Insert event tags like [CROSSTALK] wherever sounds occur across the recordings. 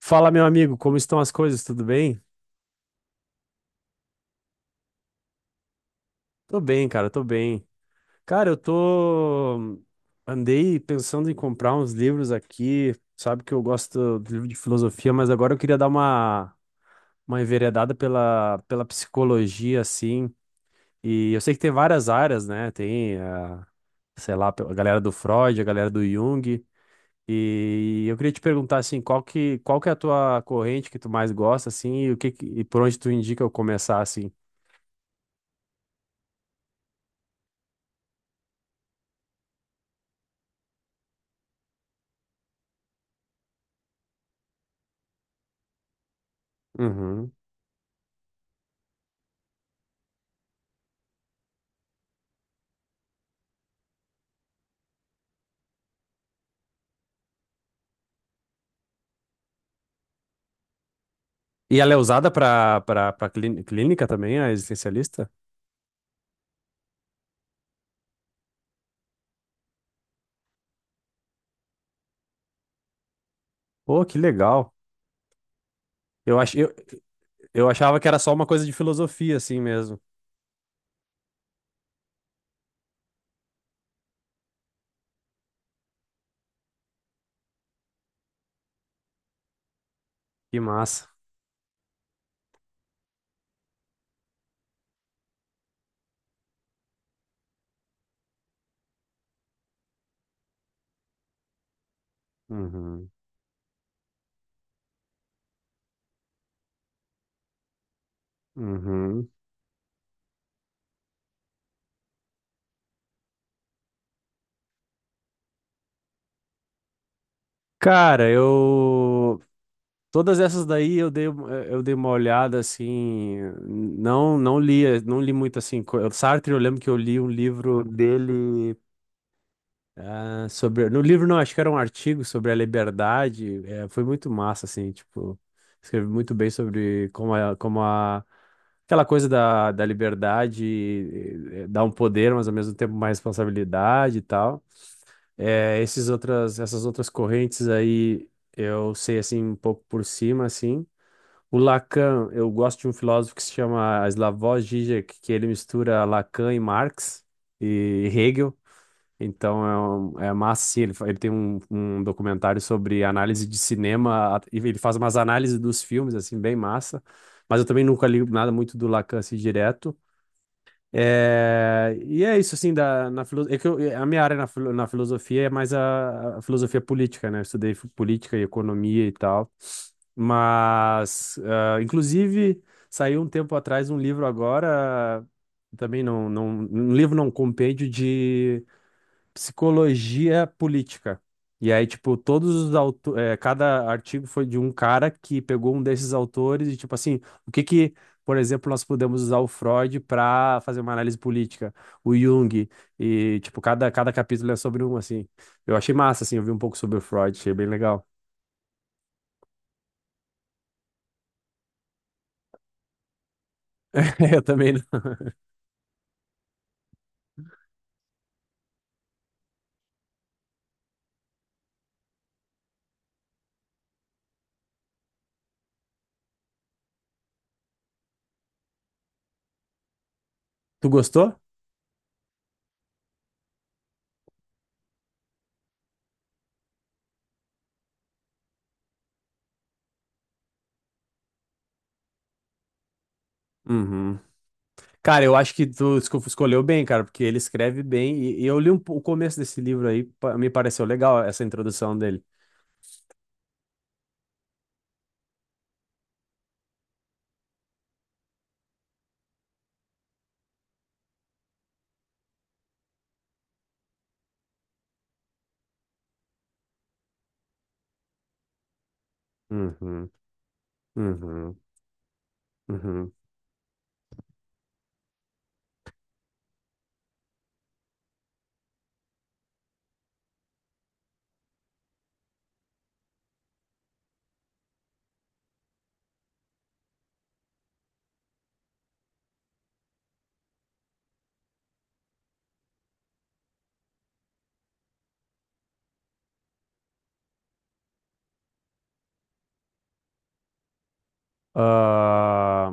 Fala, meu amigo, como estão as coisas? Tudo bem? Tô bem. Cara, eu tô. Andei pensando em comprar uns livros aqui. Sabe que eu gosto de livro de filosofia, mas agora eu queria dar uma enveredada pela psicologia, assim. E eu sei que tem várias áreas, né? Tem a, sei lá, a galera do Freud, a galera do Jung. E eu queria te perguntar, assim, qual que é a tua corrente que tu mais gosta, assim, e, e por onde tu indica eu começar, assim? Uhum. E ela é usada para clínica também, a existencialista? Pô, que legal. Eu ach, eu, eu achava que era só uma coisa de filosofia, assim mesmo. Que massa. Uhum, uhum. Cara, eu. Todas essas daí eu dei uma olhada assim. Não, não li muito assim. Sartre, eu lembro que eu li um livro dele. Ah, sobre, no livro não, acho que era um artigo sobre a liberdade. É, foi muito massa, assim, tipo, escreve muito bem sobre como aquela coisa da liberdade dá um poder, mas ao mesmo tempo uma responsabilidade e tal. É, esses outras, essas outras correntes aí eu sei assim um pouco por cima, assim. O Lacan, eu gosto de um filósofo que se chama Slavoj Žižek, que ele mistura Lacan e Marx e Hegel. Então é, é massa, sim. Ele, ele tem um, um documentário sobre análise de cinema, e ele faz umas análises dos filmes, assim, bem massa. Mas eu também nunca li nada muito do Lacan, assim, direto. É, e é isso, assim, é que é, a minha área na filosofia é mais a filosofia política, né? Eu estudei política e economia e tal. Mas, ah, inclusive, saiu um tempo atrás um livro agora, também não, não, um livro não, um compêndio de psicologia política. E aí, tipo, todos os autores, cada artigo foi de um cara que pegou um desses autores e, tipo assim, o que que, por exemplo, nós podemos usar o Freud para fazer uma análise política, o Jung, e, tipo, cada capítulo é sobre um, assim. Eu achei massa, assim, eu vi um pouco sobre o Freud, achei bem legal. [LAUGHS] Eu também. Tu gostou? Uhum. Cara, eu acho que tu escolheu bem, cara, porque ele escreve bem. E eu li um, o começo desse livro aí, me pareceu legal essa introdução dele. Uhum. Uhum, uhum. Ah,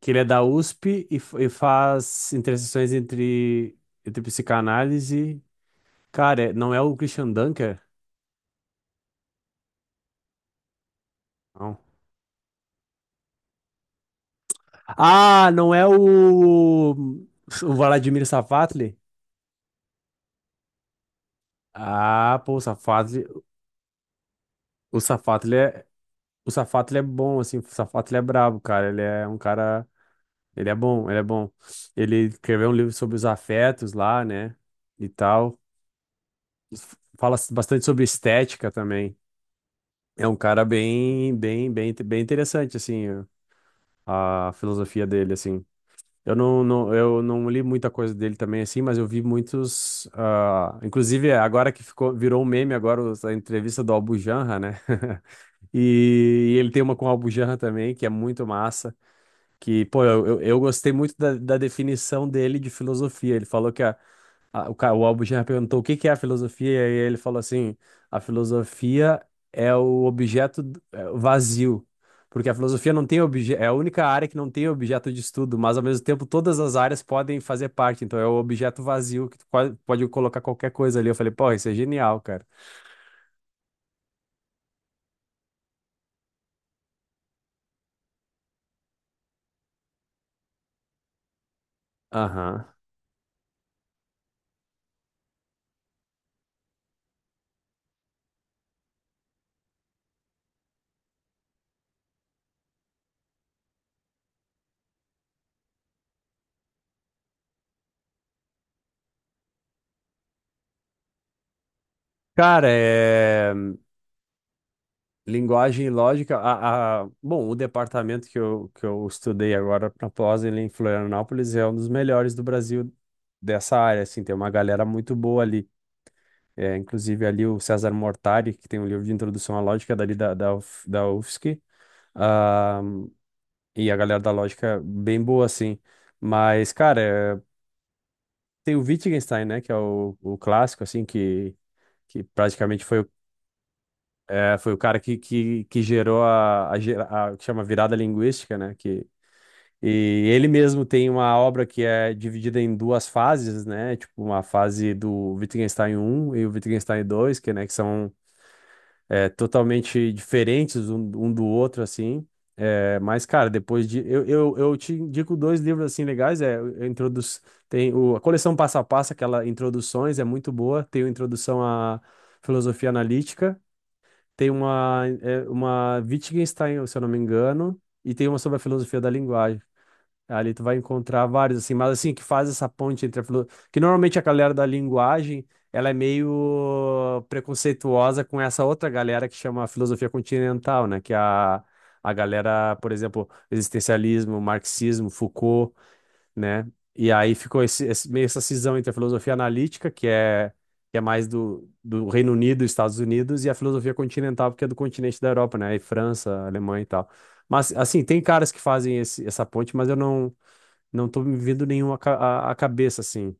que ele é da USP e, e faz interseções entre, entre psicanálise. Cara, não é o Christian Dunker? Não. Ah, não é o Vladimir Safatli? Ah, pô, o Safatli. O Safatli é, o Safatli é bom, assim. O Safatli é brabo, cara. Ele é um cara. Ele é bom, ele é bom. Ele escreveu um livro sobre os afetos lá, né? E tal. Fala bastante sobre estética também. É um cara bem interessante, assim, a filosofia dele, assim. Eu não li muita coisa dele também, assim, mas eu vi muitos, ah, inclusive é, agora que ficou, virou um meme agora a entrevista do Albujanra, né? [LAUGHS] E, e ele tem uma com o Albujanra também, que é muito massa, que, pô, eu gostei muito da definição dele de filosofia. Ele falou que o Albuquerque perguntou o que que é a filosofia, e aí ele falou assim: a filosofia é é o vazio. Porque a filosofia não tem objeto é a única área que não tem objeto de estudo, mas ao mesmo tempo todas as áreas podem fazer parte. Então é o objeto vazio que tu pode colocar qualquer coisa ali. Eu falei, pô, isso é genial, cara. Aham. Cara, é. Linguagem e lógica. Bom, o departamento que eu estudei agora na pós ele em Florianópolis é um dos melhores do Brasil dessa área. Assim, tem uma galera muito boa ali. É, inclusive ali o César Mortari, que tem um livro de introdução à lógica dali da UF da UFSC. Ah, e a galera da lógica bem boa, assim. Mas, cara, é, tem o Wittgenstein, né? Que é o clássico, assim, que praticamente foi. É, foi o cara que gerou o que chama virada linguística, né? Que, e ele mesmo tem uma obra que é dividida em duas fases, né? Tipo, uma fase do Wittgenstein um e o Wittgenstein 2 que, né, que são é, totalmente diferentes um, um do outro, assim. É, mas, cara, depois de. Eu te indico dois livros, assim, legais. É, tem o, a coleção Passo a Passo, aquela Introduções, é muito boa. Tem o Introdução à Filosofia Analítica. Tem uma, é, uma Wittgenstein, se eu não me engano, e tem uma sobre a filosofia da linguagem. Ali tu vai encontrar vários, assim, mas assim, que faz essa ponte entre a filosofia. Que normalmente a galera da linguagem, ela é meio preconceituosa com essa outra galera que chama a filosofia continental, né? Que é a galera, por exemplo, existencialismo, marxismo, Foucault, né? E aí ficou meio essa cisão entre a filosofia analítica, que é mais do Reino Unido e Estados Unidos, e a filosofia continental, porque é do continente da Europa, né? E França, Alemanha e tal. Mas, assim, tem caras que fazem esse, essa ponte, mas eu não, não tô me vendo nenhum a cabeça, assim.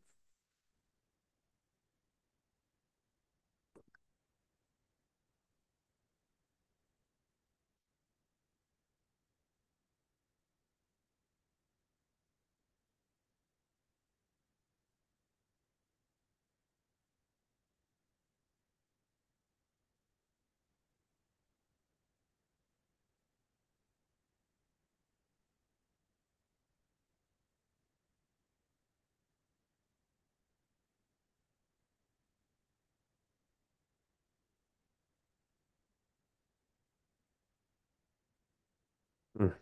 Hum.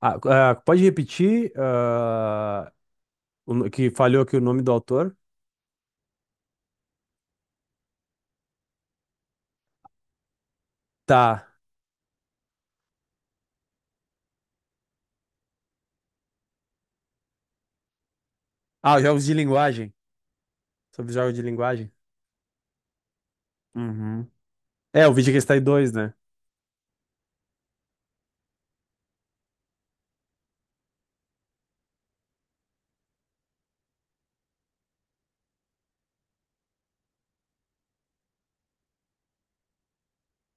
Ah, ah, pode repetir, ah, o no- que falhou aqui o nome do autor? Tá. Ah, jogos de linguagem. Sobre jogos de linguagem. Uhum. É, o vídeo que está em dois, né?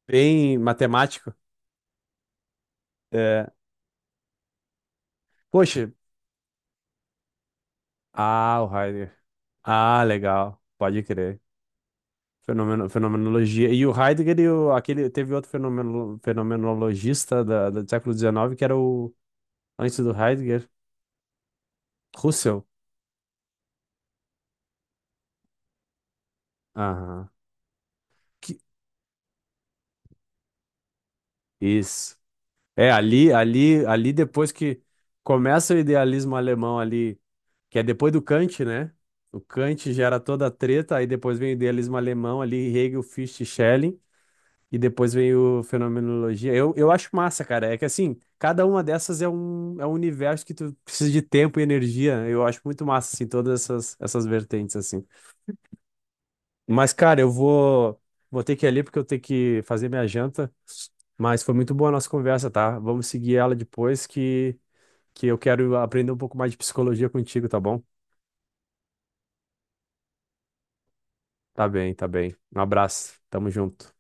Bem matemático. É. Poxa. Ah, o Heidegger. Ah, legal. Pode crer. Fenomeno, fenomenologia. E o Heidegger, e o, aquele, teve outro fenomeno, fenomenologista da, do século XIX, que era o, antes do Heidegger, Russell. Aham. Que- isso. É, ali depois que começa o idealismo alemão ali, que é depois do Kant, né? O Kant gera toda a treta, aí depois vem o idealismo alemão ali, Hegel, Fichte, Schelling. E depois veio Fenomenologia. Eu acho massa, cara. É que assim, cada uma dessas é um universo que tu precisa de tempo e energia. Eu acho muito massa, assim, todas essas, essas vertentes, assim. Mas, cara, eu vou ter que ir ali porque eu tenho que fazer minha janta. Mas foi muito boa a nossa conversa, tá? Vamos seguir ela depois que eu quero aprender um pouco mais de psicologia contigo, tá bom? Tá bem, tá bem. Um abraço. Tamo junto.